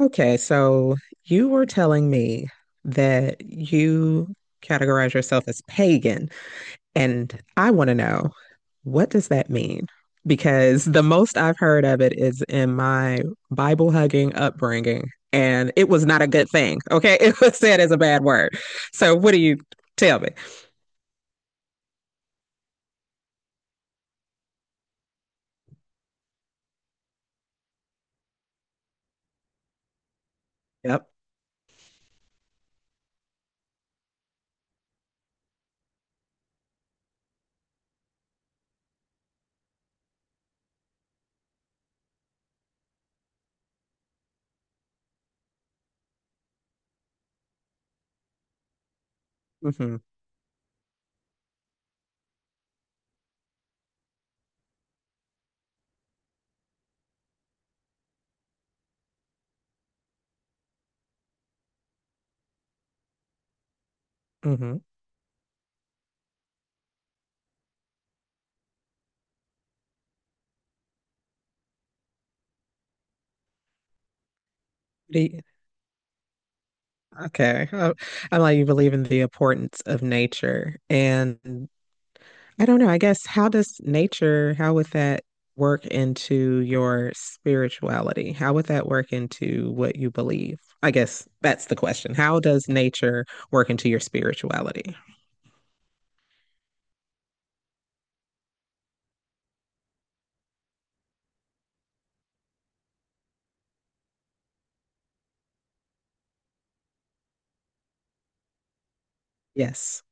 Okay, so you were telling me that you categorize yourself as pagan, and I want to know, what does that mean? Because the most I've heard of it is in my Bible hugging upbringing, and it was not a good thing. Okay, it was said as a bad word. So what do you tell me? Yep. Mm-hmm. Mm-hmm. The, Okay. I'm like, you believe in the importance of nature and I don't know. I guess how does nature, how would that work into your spirituality? How would that work into what you believe? I guess that's the question. How does nature work into your spirituality? Yes.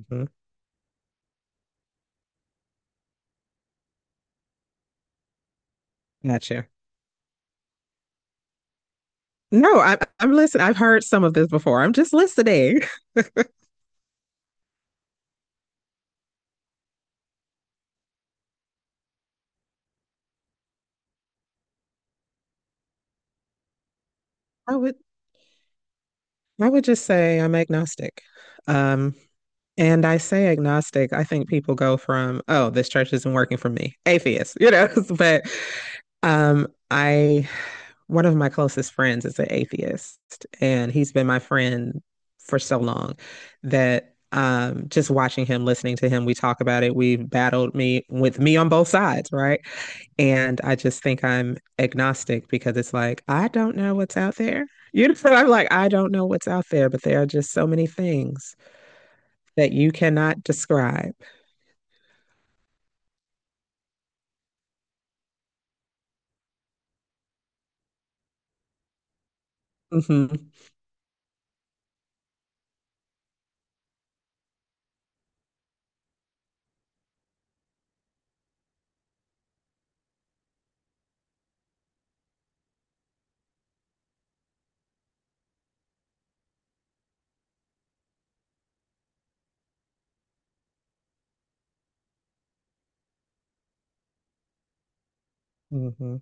Mm-hmm. Gotcha. No, I'm listening. I've heard some of this before. I'm just listening. I would I would just say I'm agnostic. Um, and I say agnostic, I think people go from, oh, this church isn't working for me, atheist, you know. But um, I, one of my closest friends is an atheist, and he's been my friend for so long that just watching him, listening to him, we talk about it. We've battled me with me on both sides, right? And I just think I'm agnostic because it's like, I don't know what's out there. You know, I'm like, I don't know what's out there, but there are just so many things that you cannot describe. Mm-hmm. Mm-hmm.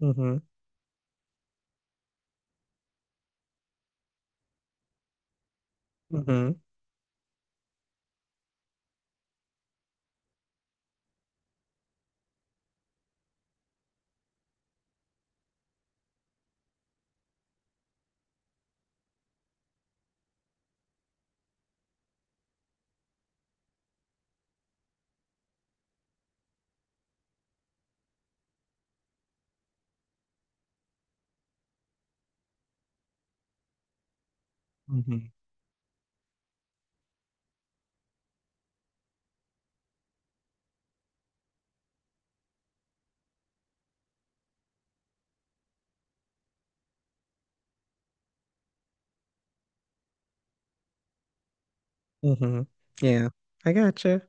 Mm-hmm. Mm-hmm. Mm-hmm. Mm-hmm. Yeah, I got you.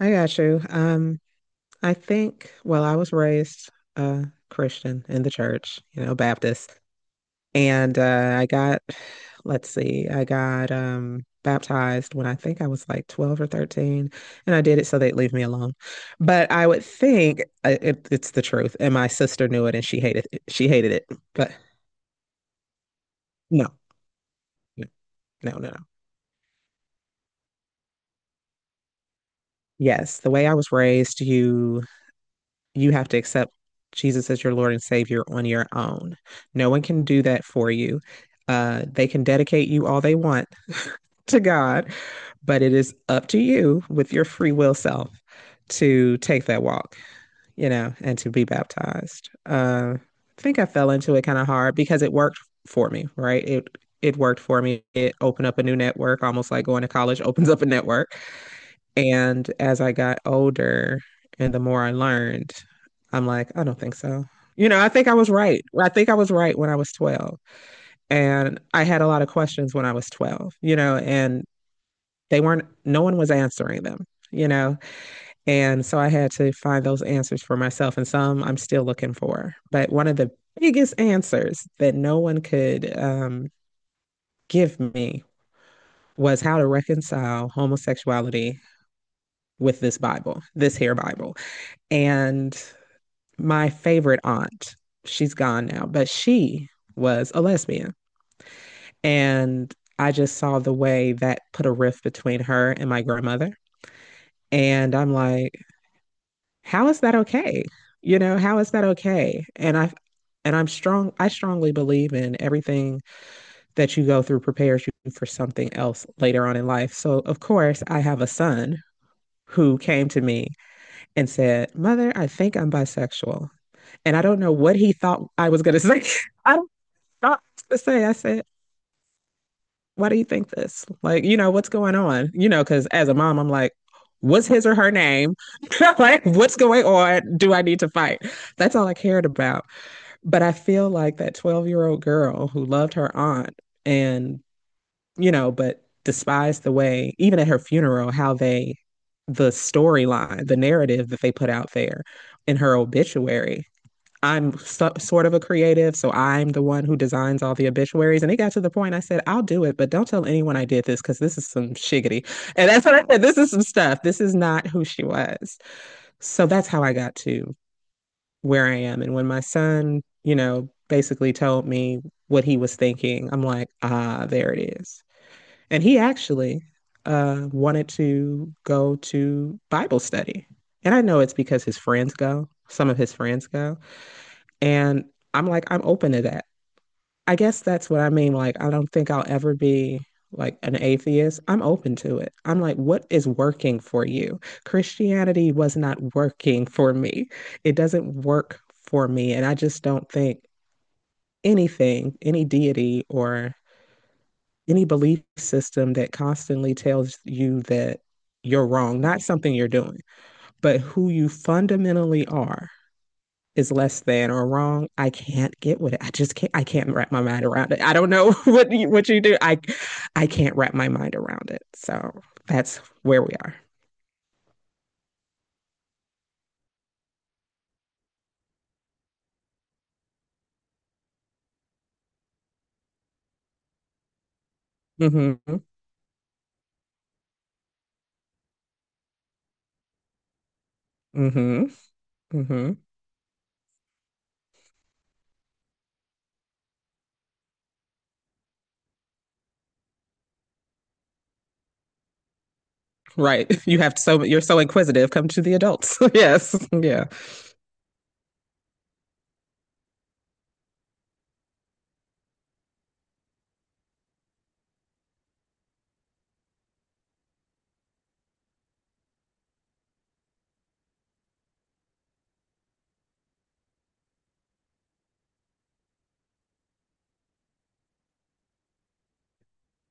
I got you. I think, well, I was raised uh Christian in the church, you know, Baptist. And let's see, I got baptized when I think I was like 12 or 13. And I did it so they'd leave me alone. But I would think it's the truth. And my sister knew it and she hated it. She hated it. But no, no, no, no, no. Yes, the way I was raised, you have to accept Jesus as your Lord and Savior on your own. No one can do that for you. They can dedicate you all they want, to God, but it is up to you with your free will self to take that walk, you know, and to be baptized. I think I fell into it kind of hard because it worked for me, right? It worked for me. It opened up a new network, almost like going to college opens up a network. And as I got older and the more I learned, I'm like, I don't think so. You know, I think I was right. I think I was right when I was 12. And I had a lot of questions when I was 12, you know, and they weren't no one was answering them, you know. And so I had to find those answers for myself, and some I'm still looking for. But one of the biggest answers that no one could give me was how to reconcile homosexuality with this bible, this here bible. And my favorite aunt, she's gone now, but she was a lesbian. And I just saw the way that put a rift between her and my grandmother, and I'm like, how is that okay? You know, how is that okay? And I'm strong, I strongly believe in everything that you go through prepares you for something else later on in life. So, of course, I have a son who came to me and said, "Mother, I think I'm bisexual." And I don't know what he thought I was going to say. I don't know what to say. I said, "Why do you think this? Like, you know, what's going on?" You know, because as a mom, I'm like, what's his or her name? Like, what's going on? Do I need to fight? That's all I cared about. But I feel like that 12-year-old girl who loved her aunt and, you know, but despised the way, even at her funeral, how they, the storyline, the narrative that they put out there in her obituary. I'm so, sort of a creative, so I'm the one who designs all the obituaries. And it got to the point I said, I'll do it, but don't tell anyone I did this because this is some shiggity. And that's what I said. This is some stuff. This is not who she was. So that's how I got to where I am. And when my son, you know, basically told me what he was thinking, I'm like, ah, there it is. And he actually wanted to go to Bible study. And I know it's because his friends go, some of his friends go. And I'm like, I'm open to that. I guess that's what I mean. Like, I don't think I'll ever be like an atheist. I'm open to it. I'm like, what is working for you? Christianity was not working for me. It doesn't work for me. And I just don't think anything, any deity or any belief system that constantly tells you that you're wrong, not something you're doing, but who you fundamentally are is less than or wrong, I can't get with it. I just can't. I can't wrap my mind around it. I don't know what you do. I can't wrap my mind around it. So that's where we are. Hmm. Hmm. Hmm. Right. You have so you're so inquisitive. Come to the adults. Yes. Yeah.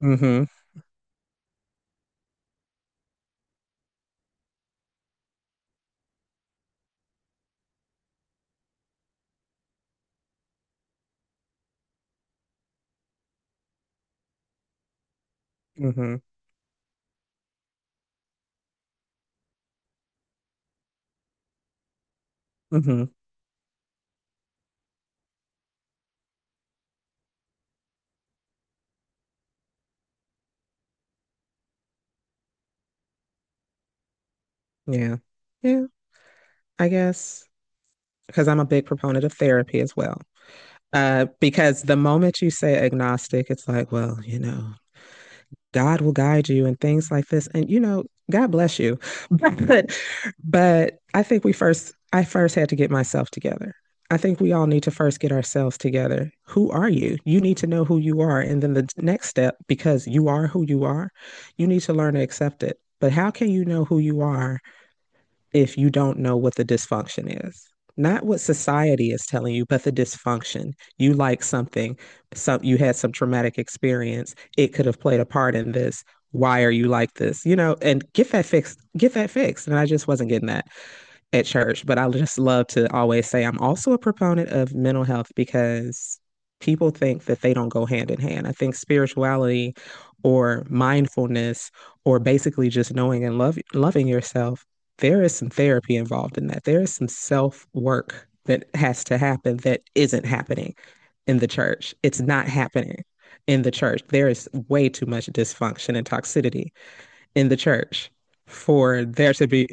Hmm. Hmm. Hmm. Yeah. Yeah. I guess, because I'm a big proponent of therapy as well. Because the moment you say agnostic, it's like, well, you know, God will guide you and things like this. And, you know, God bless you. But, but I think I first had to get myself together. I think we all need to first get ourselves together. Who are you? You need to know who you are. And then the next step, because you are who you are, you need to learn to accept it. But how can you know who you are if you don't know what the dysfunction is. Not what society is telling you, but the dysfunction. You like something, you had some traumatic experience. It could have played a part in this. Why are you like this? You know, and get that fixed, get that fixed. And I just wasn't getting that at church. But I just love to always say I'm also a proponent of mental health because people think that they don't go hand in hand. I think spirituality or mindfulness or basically just knowing and loving yourself, there is some therapy involved in that. There is some self work that has to happen that isn't happening in the church. It's not happening in the church. There is way too much dysfunction and toxicity in the church for there to be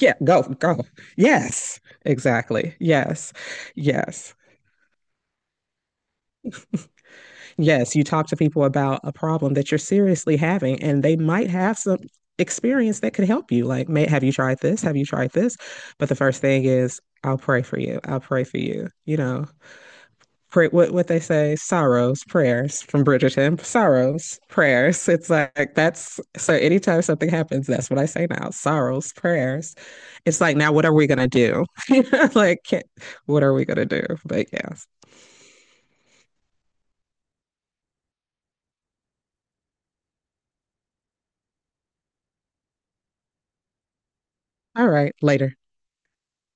yeah, go. Yes, exactly. Yes, yes, yes. You talk to people about a problem that you're seriously having, and they might have some experience that could help you. Like, have you tried this? Have you tried this? But the first thing is, I'll pray for you. I'll pray for you, you know. Pray, what they say, sorrows, prayers from Bridgerton, sorrows, prayers. It's like that's so anytime something happens, that's what I say now, sorrows, prayers. It's like, now what are we gonna do? Like, can't, what are we gonna do? But yes. All right, later.